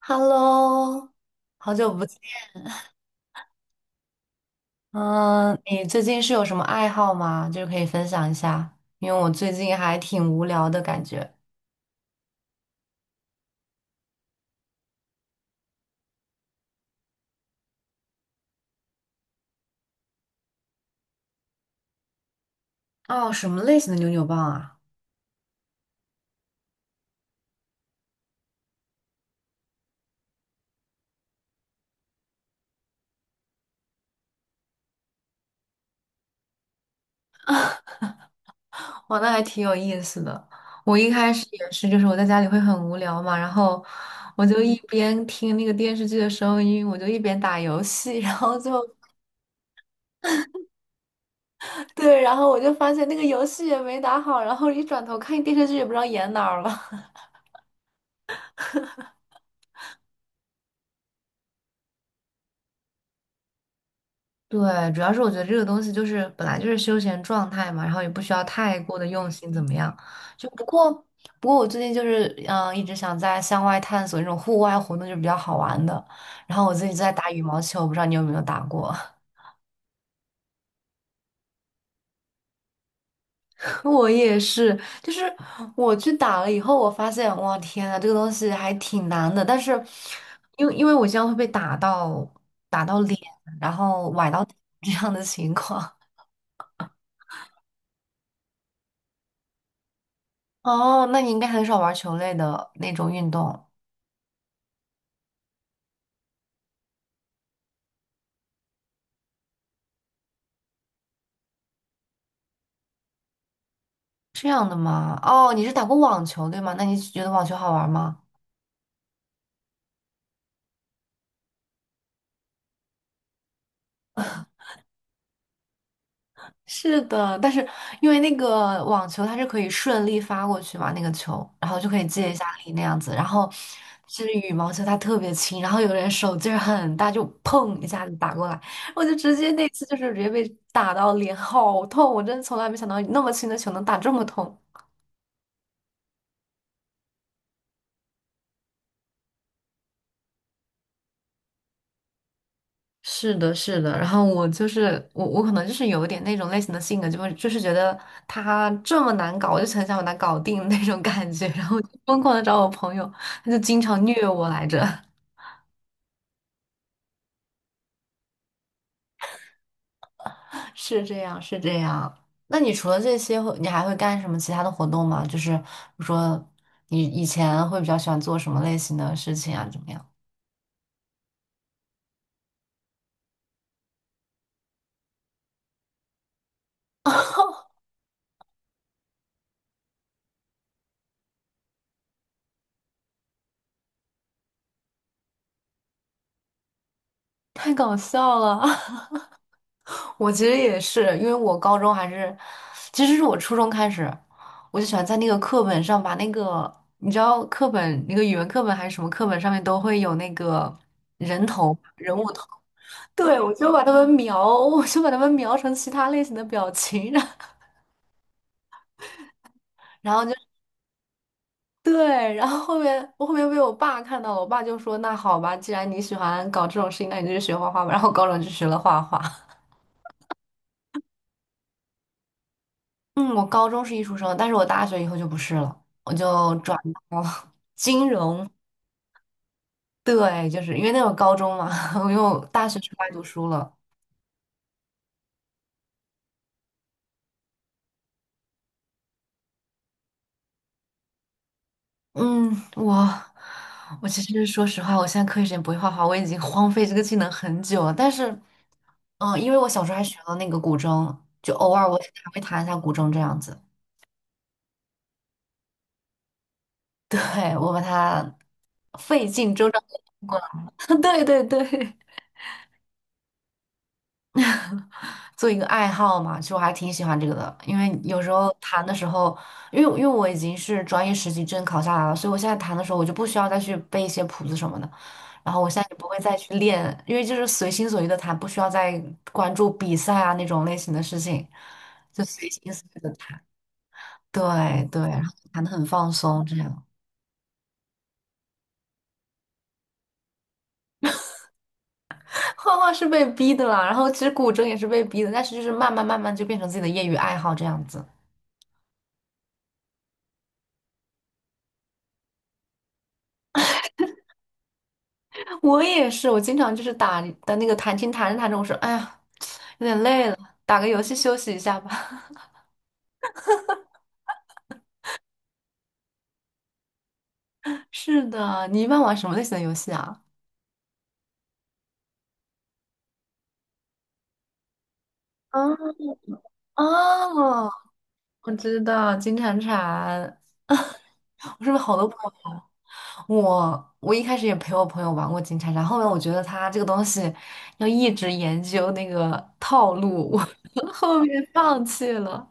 Hello，好久不见。嗯，你最近是有什么爱好吗？就是可以分享一下，因为我最近还挺无聊的感觉。哦，什么类型的扭扭棒啊？哇，那还挺有意思的。我一开始也是，就是我在家里会很无聊嘛，然后我就一边听那个电视剧的声音，我就一边打游戏，然后就 对，然后我就发现那个游戏也没打好，然后一转头看电视剧也不知道演哪儿了。对，主要是我觉得这个东西就是本来就是休闲状态嘛，然后也不需要太过的用心怎么样。就不过不过我最近就是一直想在向外探索那种户外活动，就比较好玩的。然后我自己在打羽毛球，我不知道你有没有打过？我也是，就是我去打了以后，我发现哇天呐，这个东西还挺难的。但是因为我经常会被打到打到脸，然后崴到 这样的情况。哦，那你应该很少玩球类的那种运动，这样的吗？哦，你是打过网球对吗？那你觉得网球好玩吗？是的，但是因为那个网球它是可以顺利发过去嘛，那个球，然后就可以借一下力那样子。然后是羽毛球，它特别轻，然后有人手劲儿很大，就砰一下子打过来，我就直接那次就是直接被打到脸好痛，我真的从来没想到那么轻的球能打这么痛。是的，是的，然后我可能就是有一点那种类型的性格，就是觉得他这么难搞，我就很想把他搞定那种感觉，然后我就疯狂的找我朋友，他就经常虐我来着，是这样，是这样。那你除了这些会你还会干什么其他的活动吗？就是比如说你以前会比较喜欢做什么类型的事情啊？怎么样？太搞笑了，我其实也是，因为我高中还是，其实是我初中开始，我就喜欢在那个课本上把那个，你知道课本那个语文课本还是什么课本上面都会有那个人物头，对，我就把他们描成其他类型的表情，然后对，然后后面被我爸看到了，我爸就说那好吧，既然你喜欢搞这种事情，那你就去学画画吧，然后高中就学了画画。嗯，我高中是艺术生，但是我大学以后就不是了，我就转到了 金融。对，就是因为那会高中嘛，因为我大学出来读书了。嗯，我其实说实话，我现在课余时间不会画画，我已经荒废这个技能很久了。但是，嗯，因为我小时候还学了那个古筝，就偶尔我还会弹一下古筝这样子。对，我把它费尽周章地弄过来了。对对对。做一个爱好嘛，其实我还挺喜欢这个的，因为有时候弹的时候，因为我已经是专业实习证考下来了，所以我现在弹的时候我就不需要再去背一些谱子什么的，然后我现在也不会再去练，因为就是随心所欲的弹，不需要再关注比赛啊那种类型的事情，就随心所欲的弹。对对，然后弹的很放松，这样。画画是被逼的啦，然后其实古筝也是被逼的，但是就是慢慢慢慢就变成自己的业余爱好这样子。我也是，我经常就是打的那个弹琴弹着弹着，我说哎呀，有点累了，打个游戏休息一下吧。是的，你一般玩什么类型的游戏啊？啊啊，我知道金铲铲，我身边好多朋友玩我一开始也陪我朋友玩过金铲铲，后面我觉得他这个东西要一直研究那个套路，我 后面放弃了。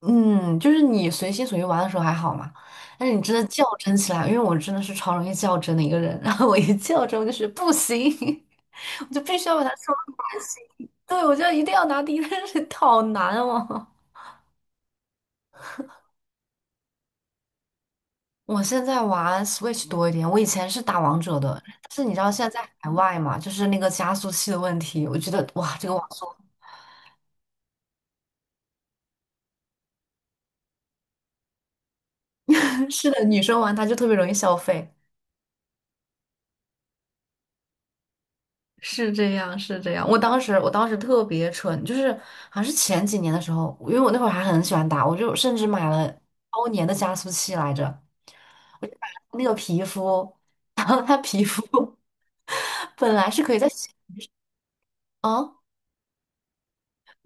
嗯，就是你随心所欲玩的时候还好嘛，但是你真的较真起来，因为我真的是超容易较真的一个人，然后我一较真，我就是不行，我就必须要把它说完。满行对，我就一定要拿第一，但是好难哦。我现在玩 Switch 多一点，我以前是打王者的，但是你知道现在在海外嘛，就是那个加速器的问题，我觉得哇，这个网速 是的，女生玩它就特别容易消费，是这样，是这样。我当时特别蠢，就是好像是前几年的时候，因为我那会儿还很喜欢打，我就甚至买了包年的加速器来着，我就买了那个皮肤，然后它皮肤 本来是可以在啊，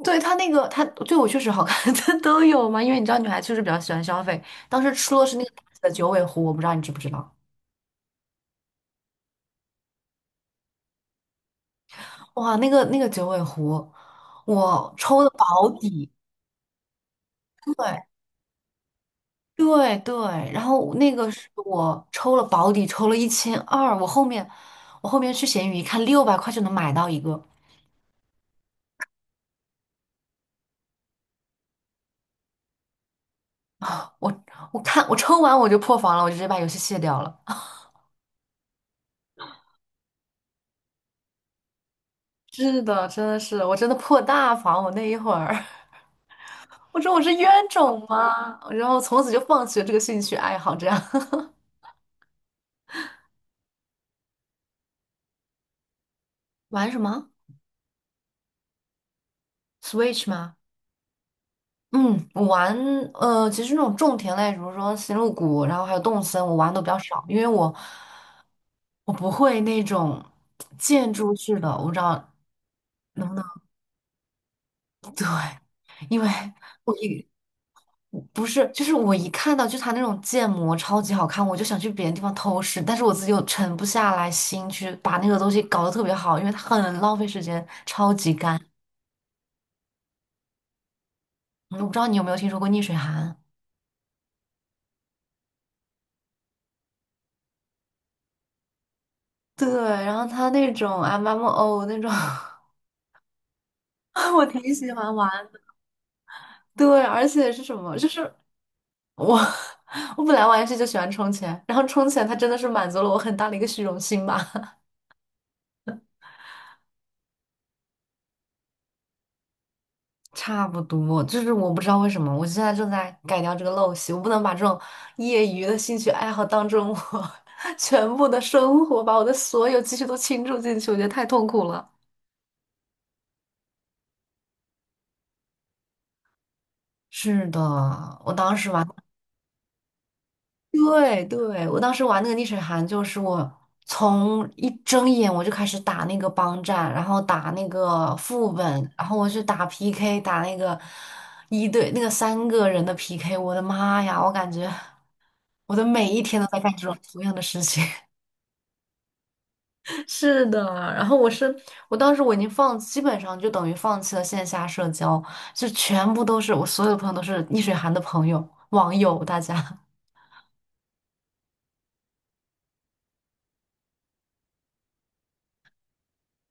对它那个它对我确实好看，它都有嘛，因为你知道女孩确实比较喜欢消费。当时出的是那个大的九尾狐，我不知道你知不知道？哇，那个九尾狐，我抽的保底，对。对对，然后那个是我抽了保底，抽了1200，我后面去闲鱼一看，600块就能买到一个，我看我抽完我就破防了，我就直接把游戏卸掉了。是的，真的是，我真的破大防，我那一会儿，我说我是冤种吗？然后从此就放弃了这个兴趣爱好，这样 玩什么 Switch 吗？嗯，呃，其实那种种田类，比如说星露谷，然后还有动森，我玩的都比较少，因为我不会那种建筑式的，我不知道能不能 对，因为我一不是就是我一看到就他那种建模超级好看，我就想去别的地方偷师，但是我自己又沉不下来心去把那个东西搞得特别好，因为它很浪费时间，超级干。嗯我不知道你有没有听说过逆水寒？对，然后它那种 MMO 那种。我挺喜欢玩，对，而且是什么？就是我，我本来玩游戏就喜欢充钱，然后充钱它真的是满足了我很大的一个虚荣心吧。差不多，就是我不知道为什么，我现在正在改掉这个陋习，我不能把这种业余的兴趣爱好当成我 全部的生活，把我的所有积蓄都倾注进去，我觉得太痛苦了。是的，我当时玩。对对，我当时玩那个逆水寒，就是我从一睁眼我就开始打那个帮战，然后打那个副本，然后我去打 PK，打那个三个人的 PK，我的妈呀，我感觉我的每一天都在干这种同样的事情。是的，然后我当时我已经放，基本上就等于放弃了线下社交，就全部都是我所有的朋友都是逆水寒的朋友网友，大家。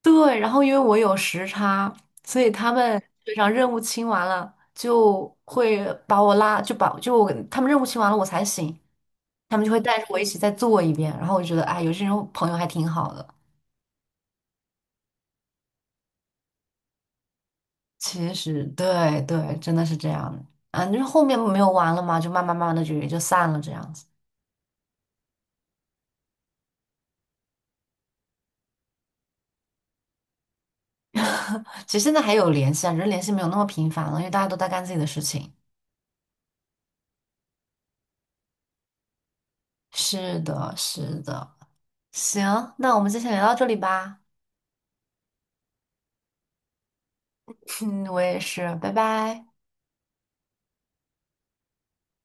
对，然后因为我有时差，所以他们非常任务清完了，就把他们任务清完了我才醒，他们就会带着我一起再做一遍。然后我就觉得，哎，有这种朋友还挺好的。其实，对对，真的是这样的。啊，就是后面没有玩了嘛，就慢慢慢慢的就也就散了这样子。其实现在还有联系啊，只是联系没有那么频繁了，因为大家都在干自己的事情。是的，是的。行，那我们今天聊到这里吧。嗯，我也是，拜拜。